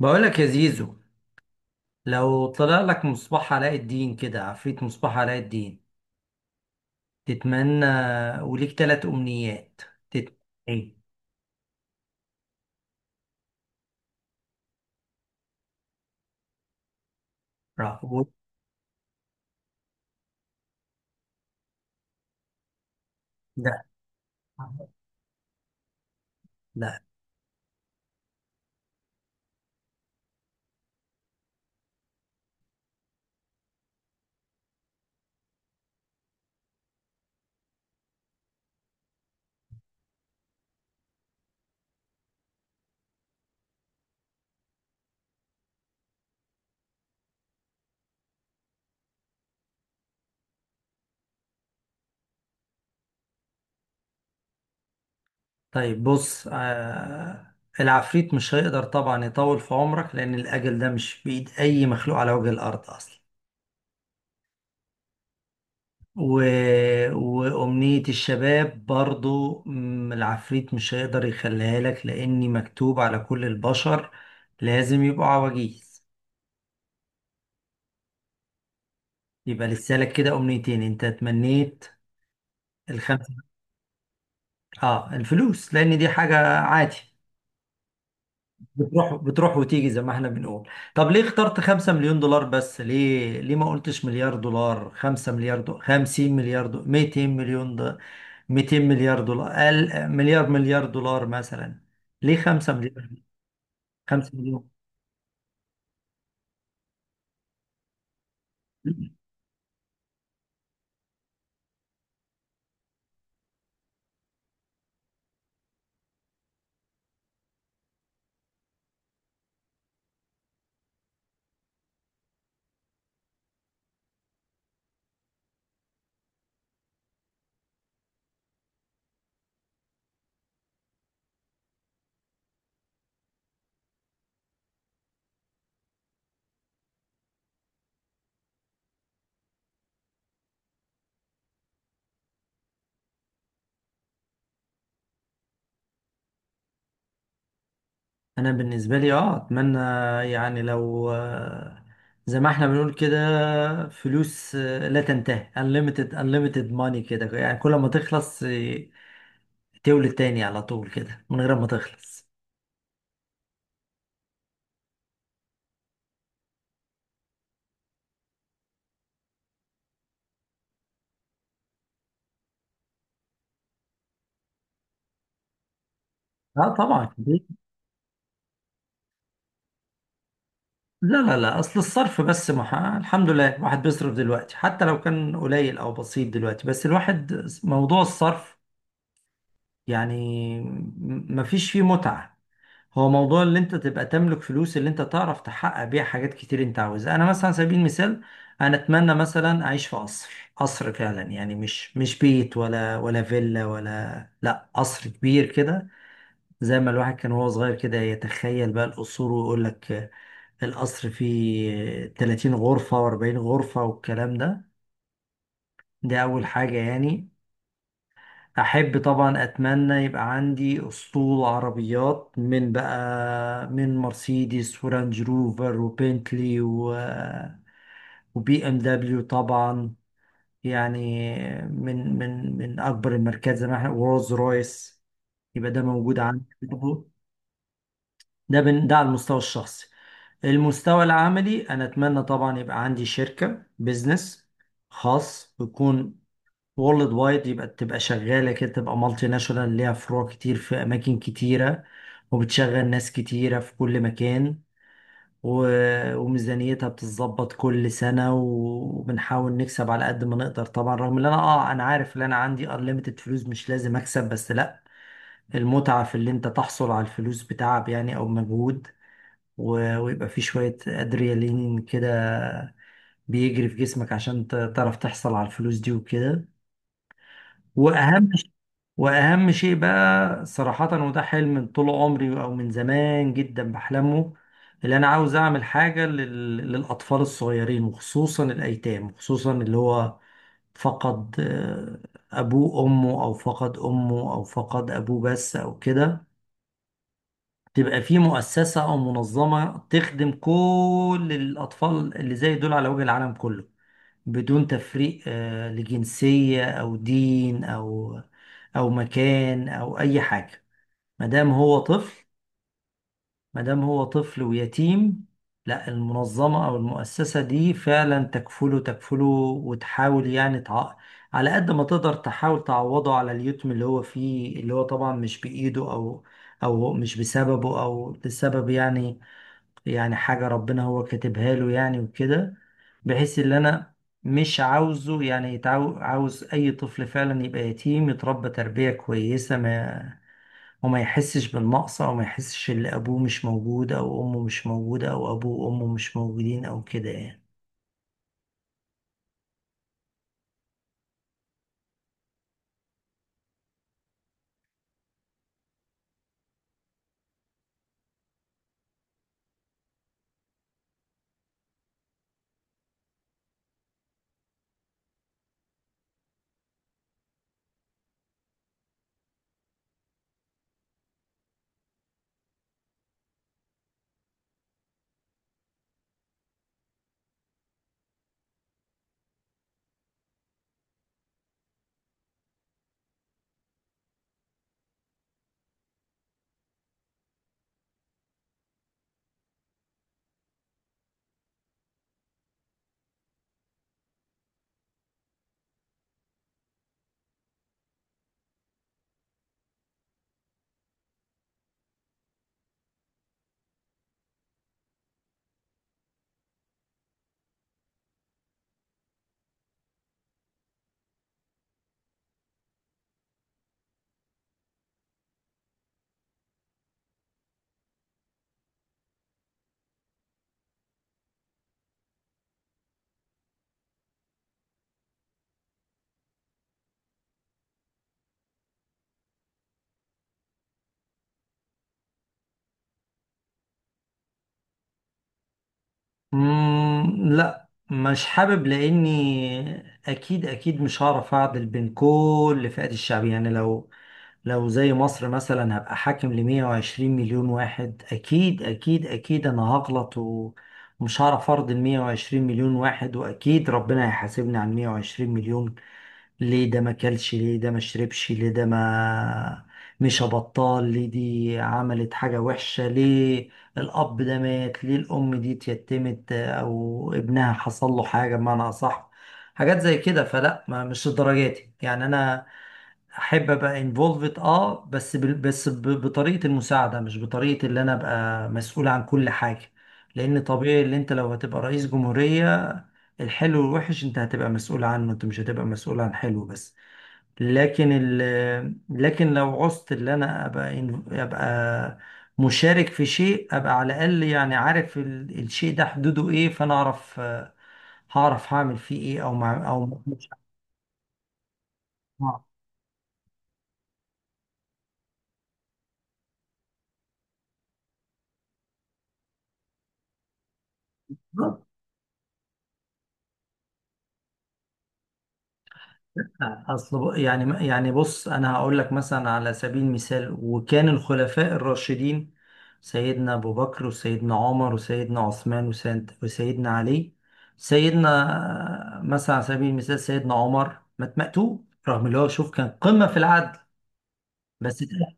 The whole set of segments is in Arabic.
بقولك يا زيزو، لو طلع لك مصباح علاء الدين كده، عفريت مصباح علاء الدين تتمنى، وليك تلات أمنيات تتمنى إيه؟ راح بص- لا، لا. طيب بص، العفريت مش هيقدر طبعا يطول في عمرك، لأن الأجل ده مش في إيد أي مخلوق على وجه الأرض أصلا. و... وأمنية الشباب برضو العفريت مش هيقدر يخليها لك، لأني مكتوب على كل البشر لازم يبقوا عواجيز. يبقى لسه لك كده امنيتين، انت تمنيت الخمسه. اه، الفلوس، لان دي حاجه عادي، بتروح بتروح وتيجي زي ما احنا بنقول. طب ليه اخترت 5 مليون دولار بس؟ ليه ما قلتش مليار دولار، 5 مليار دولار، 50 مليار دولار، 200 مليون دولار، 200 مليار دولار، أقل مليار، مليار دولار مثلا؟ ليه 5 مليار، 5 مليون؟ انا بالنسبه لي اتمنى، يعني لو زي ما احنا بنقول كده، فلوس لا تنتهي، unlimited money كده، يعني كل ما تخلص تولد تاني على طول كده من غير ما تخلص. اه، طبعا كتير. لا، لا، لا، اصل الصرف بس الحمد لله الواحد بيصرف دلوقتي، حتى لو كان قليل او بسيط دلوقتي، بس الواحد موضوع الصرف يعني مفيش فيه متعه. هو موضوع اللي انت تبقى تملك فلوس، اللي انت تعرف تحقق بيها حاجات كتير انت عاوزها. انا مثلا على سبيل المثال، انا اتمنى مثلا اعيش في قصر. قصر فعلا، يعني مش بيت ولا فيلا ولا لا قصر كبير كده. زي ما الواحد كان وهو صغير كده يتخيل بقى القصور، ويقول لك القصر فيه 30 غرفة و40 غرفة والكلام ده. دي اول حاجة يعني. أحب طبعا أتمنى يبقى عندي أسطول عربيات، من بقى، من مرسيدس ورانج روفر وبنتلي وبي ام دبليو طبعا، يعني من أكبر الماركات، زي ما احنا، ورولز رويس، يبقى ده موجود عندي برضه. ده على المستوى الشخصي. المستوى العملي أنا أتمنى طبعا يبقى عندي شركة بيزنس خاص بيكون وورلد وايد، يبقى تبقى شغالة كده، تبقى مالتي ناشونال ليها فروع كتير في أماكن كتيرة، وبتشغل ناس كتيرة في كل مكان، و- وميزانيتها بتتظبط كل سنة، و- وبنحاول نكسب على قد ما نقدر طبعا، رغم ان انا عارف ان انا عندي unlimited فلوس، مش لازم اكسب، بس لا، المتعة في اللي انت تحصل على الفلوس بتعب يعني او مجهود، و- ويبقى في شوية ادريالين كده بيجري في جسمك، عشان تعرف تحصل على الفلوس دي وكده. واهم ش- واهم شيء بقى صراحة، وده حلم من طول عمري او من زمان جدا بحلمه، اللي انا عاوز اعمل حاجة للاطفال الصغيرين، وخصوصا الايتام، وخصوصا اللي هو فقد ابوه امه، او فقد امه، او فقد ابوه بس، او كده. تبقى في مؤسسة او منظمة تخدم كل الاطفال اللي زي دول على وجه العالم كله، بدون تفريق لجنسية أو دين أو مكان أو أي حاجة، ما دام هو طفل. ما دام هو طفل ويتيم، لا المنظمة أو المؤسسة دي فعلا تكفله تكفله، وتحاول يعني على قد ما تقدر تحاول تعوضه على اليتم اللي هو فيه، اللي هو طبعا مش بإيده، أو مش بسببه، أو لسبب يعني، يعني حاجة ربنا هو كاتبها له يعني وكده. بحيث ان انا مش عاوزه يعني عاوز اي طفل فعلا يبقى يتيم يتربى تربية كويسة، ما وما يحسش بالنقص، او ما يحسش ان ابوه مش موجود، او امه مش موجودة، او ابوه وامه مش موجودين، او كده يعني. مم، لا، مش حابب، لاني اكيد اكيد مش هعرف اعدل بين كل فئات الشعب. يعني لو زي مصر مثلا، هبقى حاكم ل 120 مليون واحد، اكيد اكيد اكيد انا هغلط، و- ومش هعرف ارضي ال 120 مليون واحد، واكيد ربنا هيحاسبني على 120 مليون. ليه ده ما كلش، ليه ده ما شربش، ليه ده ما مش بطال، ليه دي عملت حاجة وحشة، ليه الأب ده مات، ليه الأم دي اتيتمت أو ابنها حصل له حاجة بمعنى أصح. حاجات زي كده، فلا، ما مش لدرجاتي يعني. أنا أحب أبقى انفولفد، بس بطريقة المساعدة، مش بطريقة اللي أنا أبقى مسؤول عن كل حاجة. لأن طبيعي اللي أنت لو هتبقى رئيس جمهورية، الحلو والوحش أنت هتبقى مسؤول عنه، أنت مش هتبقى مسؤول عن حلو بس. لكن لو عوزت اللي انا ابقى مشارك في شيء، ابقى على الاقل يعني عارف الشيء ده حدوده ايه، فانا اعرف هعرف هعمل فيه ايه، او مش هعرف. اصل يعني بص، انا هقول لك مثلا على سبيل المثال، وكان الخلفاء الراشدين سيدنا ابو بكر وسيدنا عمر وسيدنا عثمان وسيدنا علي. سيدنا مثلا على سبيل المثال، سيدنا عمر مات مقتول، رغم اللي هو، شوف، كان قمة في العدل، بس اتقتل.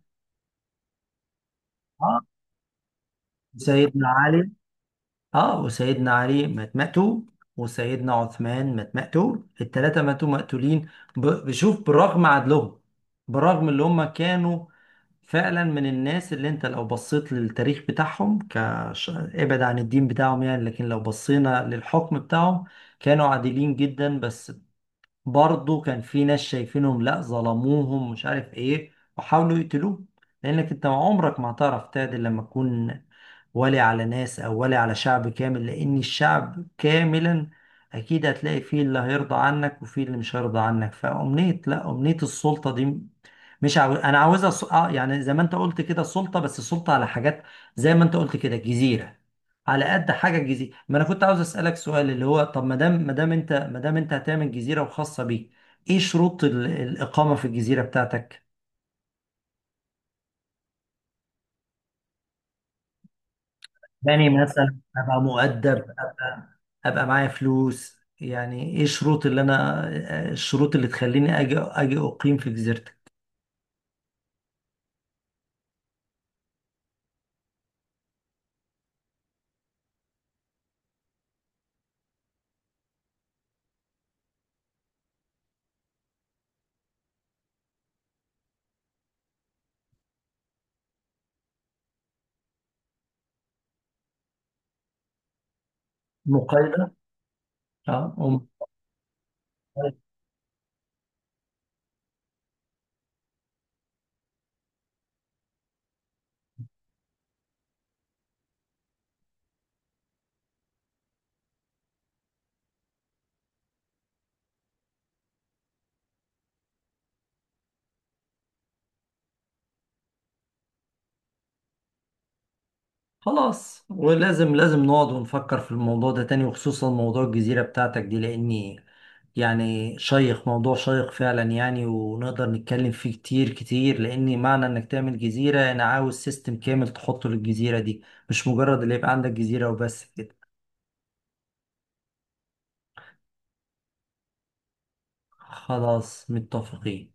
اه، سيدنا علي اه وسيدنا علي مات مقتول، وسيدنا عثمان مات مقتول، الثلاثة ماتوا مقتولين. بشوف بالرغم عدلهم، برغم اللي هم كانوا فعلا من الناس، اللي انت لو بصيت للتاريخ بتاعهم، ابعد عن الدين بتاعهم يعني، لكن لو بصينا للحكم بتاعهم، كانوا عادلين جدا. بس برضه كان في ناس شايفينهم لا ظلموهم مش عارف ايه، وحاولوا يقتلوه. لانك انت عمرك ما هتعرف تعدل لما تكون ولي على ناس او ولي على شعب كامل، لان الشعب كاملا اكيد هتلاقي فيه اللي هيرضى عنك وفيه اللي مش هيرضى عنك. فامنية، لا، امنية السلطة دي مش عاوز. انا عاوزها س... آه يعني زي ما انت قلت كده، سلطة، بس سلطة على حاجات زي ما انت قلت كده، جزيرة، على قد حاجه الجزيره. ما انا كنت عاوز اسالك سؤال، اللي هو طب، ما دام انت هتعمل جزيره وخاصه بيك، ايه شروط الاقامه في الجزيره بتاعتك؟ يعني مثلا ابقى مؤدب، ابقى معايا فلوس، يعني ايه الشروط اللي انا الشروط اللي تخليني اجي اقيم في جزيرتك؟ مقايضه. اه، خلاص، ولازم نقعد ونفكر في الموضوع ده تاني، وخصوصا موضوع الجزيرة بتاعتك دي، لأني يعني موضوع شيق فعلا يعني، ونقدر نتكلم فيه كتير كتير، لأني معنى إنك تعمل جزيرة، أنا عاوز سيستم كامل تحطه للجزيرة دي، مش مجرد اللي يبقى عندك جزيرة وبس كده. خلاص، متفقين.